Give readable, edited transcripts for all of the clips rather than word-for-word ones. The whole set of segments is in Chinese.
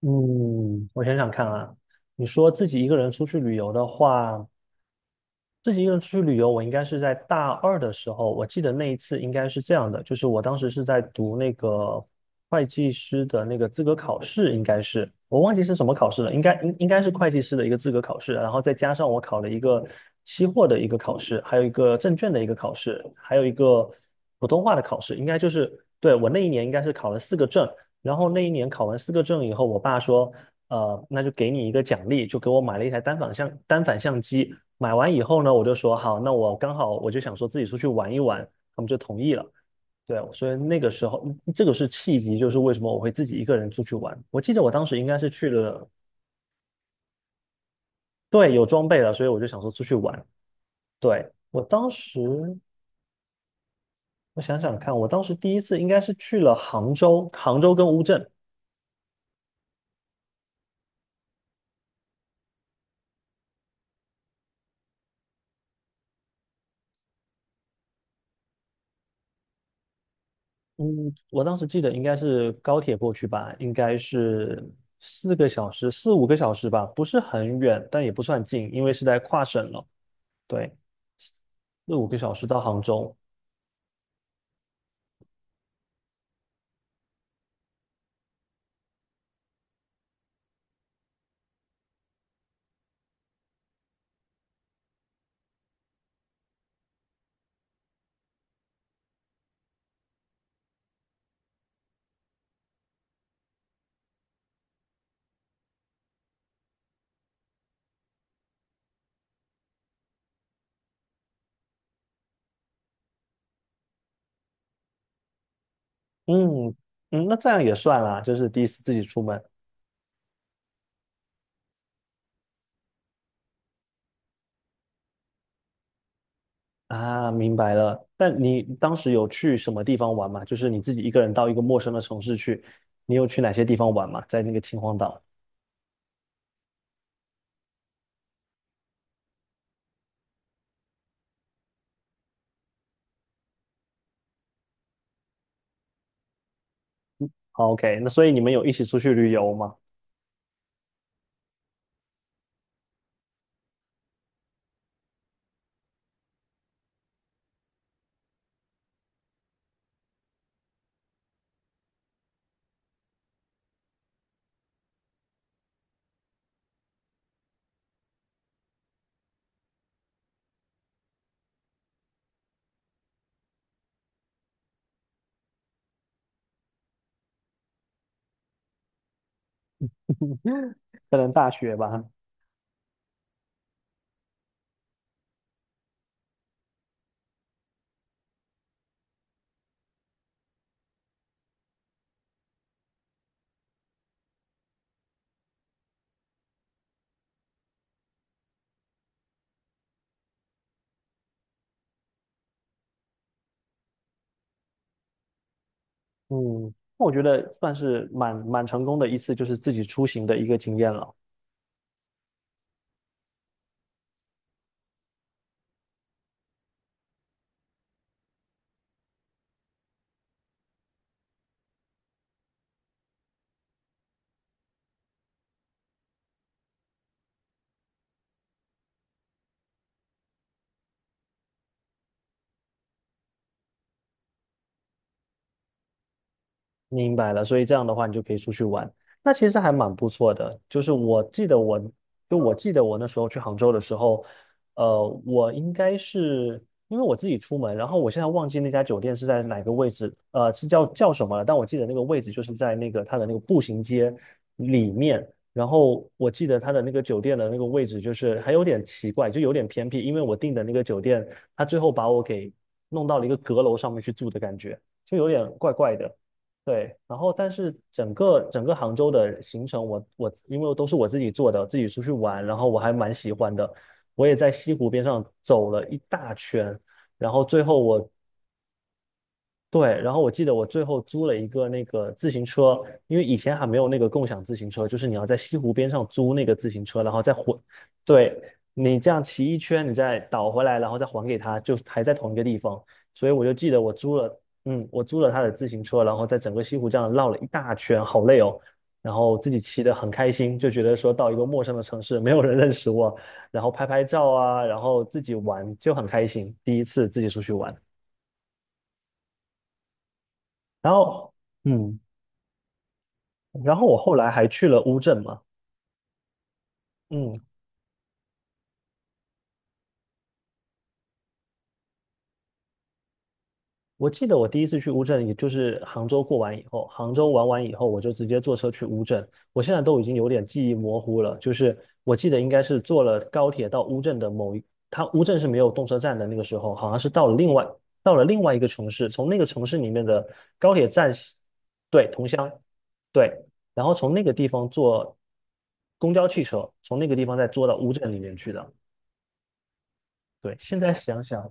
嗯，我想想看啊。你说自己一个人出去旅游的话，自己一个人出去旅游，我应该是在大二的时候。我记得那一次应该是这样的，就是我当时是在读那个会计师的那个资格考试，应该是我忘记是什么考试了，应该是会计师的一个资格考试，然后再加上我考了一个期货的一个考试，还有一个证券的一个考试，还有一个普通话的考试，应该就是。对，我那一年应该是考了四个证。然后那一年考完四个证以后，我爸说：那就给你一个奖励，就给我买了一台单反相机。买完以后呢，我就说好，那我刚好我就想说自己出去玩一玩，他们就同意了。对，所以那个时候这个是契机，就是为什么我会自己一个人出去玩。我记得我当时应该是去了。对，有装备了，所以我就想说出去玩。对，我当时，我想想看，我当时第一次应该是去了杭州，杭州跟乌镇。嗯，我当时记得应该是高铁过去吧，应该是4个小时、四五个小时吧，不是很远，但也不算近，因为是在跨省了。对，四五个小时到杭州。嗯嗯，那这样也算啦，就是第一次自己出门啊。明白了，但你当时有去什么地方玩吗？就是你自己一个人到一个陌生的城市去，你有去哪些地方玩吗？在那个秦皇岛。好，OK，那所以你们有一起出去旅游吗？可能大学吧。嗯，那我觉得算是蛮成功的一次，就是自己出行的一个经验了。明白了，所以这样的话，你就可以出去玩，那其实还蛮不错的。就是我记得我，就我记得我那时候去杭州的时候，我应该是因为我自己出门，然后我现在忘记那家酒店是在哪个位置，是叫什么了？但我记得那个位置就是在那个它的那个步行街里面。然后我记得它的那个酒店的那个位置就是还有点奇怪，就有点偏僻，因为我订的那个酒店，它最后把我给弄到了一个阁楼上面去住的感觉，就有点怪怪的。对，然后但是整个杭州的行程我因为都是我自己做的，自己出去玩，然后我还蛮喜欢的。我也在西湖边上走了一大圈，然后最后我。对，然后我记得我最后租了一个那个自行车，因为以前还没有那个共享自行车，就是你要在西湖边上租那个自行车，然后再还。对，你这样骑一圈，你再倒回来，然后再还给他，就还在同一个地方。所以我就记得我租了，我租了他的自行车，然后在整个西湖这样绕了一大圈，好累哦。然后自己骑得很开心，就觉得说到一个陌生的城市，没有人认识我，然后拍拍照啊，然后自己玩就很开心，第一次自己出去玩，然后。嗯，然后我后来还去了乌镇嘛。嗯，我记得我第一次去乌镇，也就是杭州过完以后，杭州玩完以后，我就直接坐车去乌镇。我现在都已经有点记忆模糊了，就是我记得应该是坐了高铁到乌镇的某一，它乌镇是没有动车站的，那个时候好像是到了另外一个城市，从那个城市里面的高铁站，对，桐乡，对，然后从那个地方坐公交汽车，从那个地方再坐到乌镇里面去的。对，现在想想，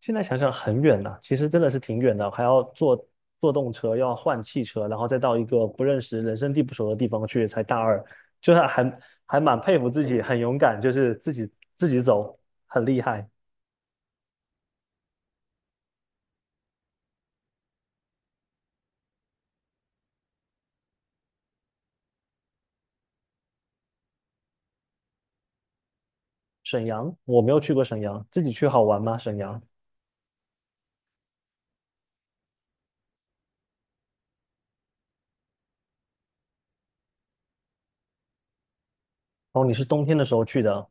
很远呐、其实真的是挺远的，还要坐动车，要换汽车，然后再到一个不认识、人生地不熟的地方去，才大二，就是还蛮佩服自己，很勇敢，就是自己走，很厉害。沈阳，我没有去过沈阳，自己去好玩吗？沈阳？哦，你是冬天的时候去的。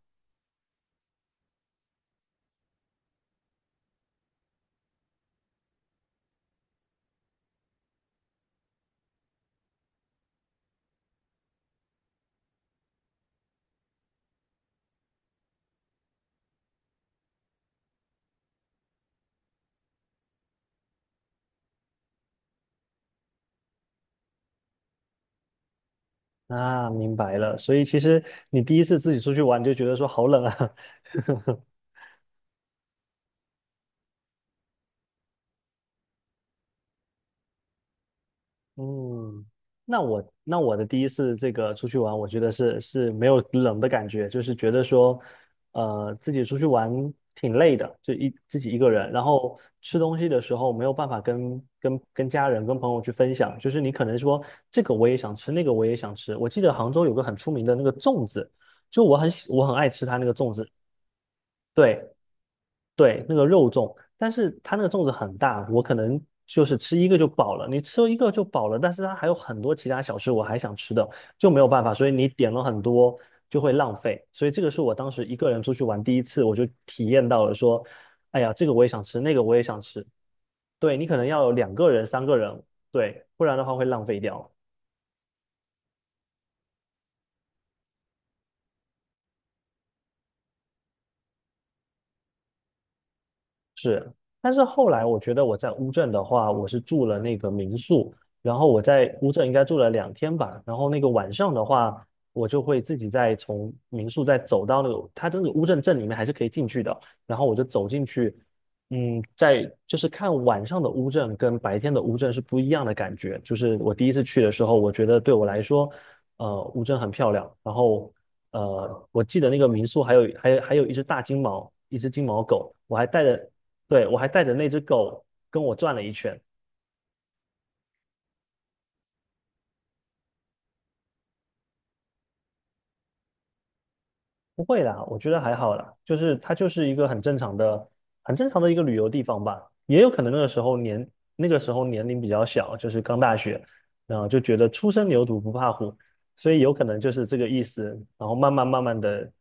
啊，明白了。所以其实你第一次自己出去玩，你就觉得说好冷啊。嗯，那我的第一次这个出去玩，我觉得是没有冷的感觉，就是觉得说，自己出去玩挺累的，就自己一个人，然后吃东西的时候没有办法跟家人、跟朋友去分享，就是你可能说这个我也想吃，那个我也想吃。我记得杭州有个很出名的那个粽子，就我很爱吃它那个粽子。对，对，那个肉粽，但是它那个粽子很大，我可能就是吃一个就饱了。你吃一个就饱了，但是它还有很多其他小吃我还想吃的，就没有办法。所以你点了很多就会浪费。所以这个是我当时一个人出去玩第一次，我就体验到了说，哎呀，这个我也想吃，那个我也想吃。对，你可能要有两个人、三个人，对，不然的话会浪费掉。是，但是后来我觉得我在乌镇的话，我是住了那个民宿，然后我在乌镇应该住了2天吧，然后那个晚上的话，我就会自己再从民宿再走到那个，它这个乌镇镇里面还是可以进去的，然后我就走进去，在就是看晚上的乌镇跟白天的乌镇是不一样的感觉，就是我第一次去的时候，我觉得对我来说，乌镇很漂亮，然后。我记得那个民宿还有一只大金毛，一只金毛狗，我还带着。对，我还带着那只狗跟我转了一圈。不会啦，我觉得还好啦，就是它就是一个很正常的、很正常的一个旅游地方吧。也有可能那个时候年龄比较小，就是刚大学，然后就觉得初生牛犊不怕虎，所以有可能就是这个意思。然后慢慢慢慢的。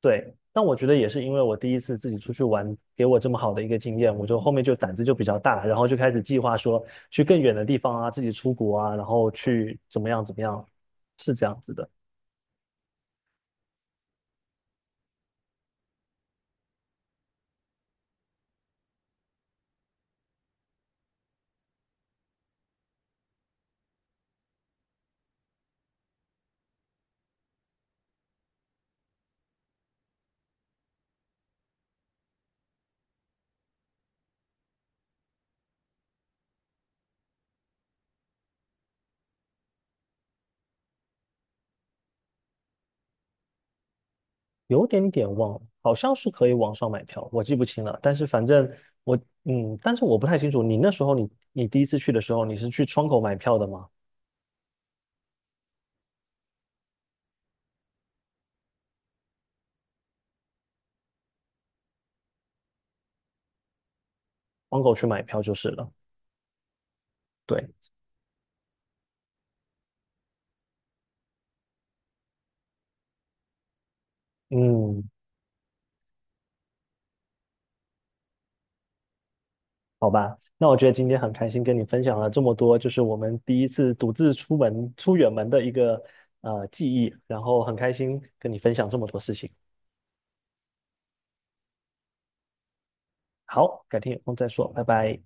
对。但我觉得也是因为我第一次自己出去玩，给我这么好的一个经验，我就后面就胆子就比较大，然后就开始计划说去更远的地方啊，自己出国啊，然后去怎么样怎么样，是这样子的。有点点忘了，好像是可以网上买票，我记不清了。但是反正我，但是我不太清楚，你那时候你第一次去的时候，你是去窗口买票的吗？窗口去买票就是了。对，嗯，好吧，那我觉得今天很开心跟你分享了这么多，就是我们第一次独自出门出远门的一个记忆，然后很开心跟你分享这么多事情。好，改天有空再说，拜拜。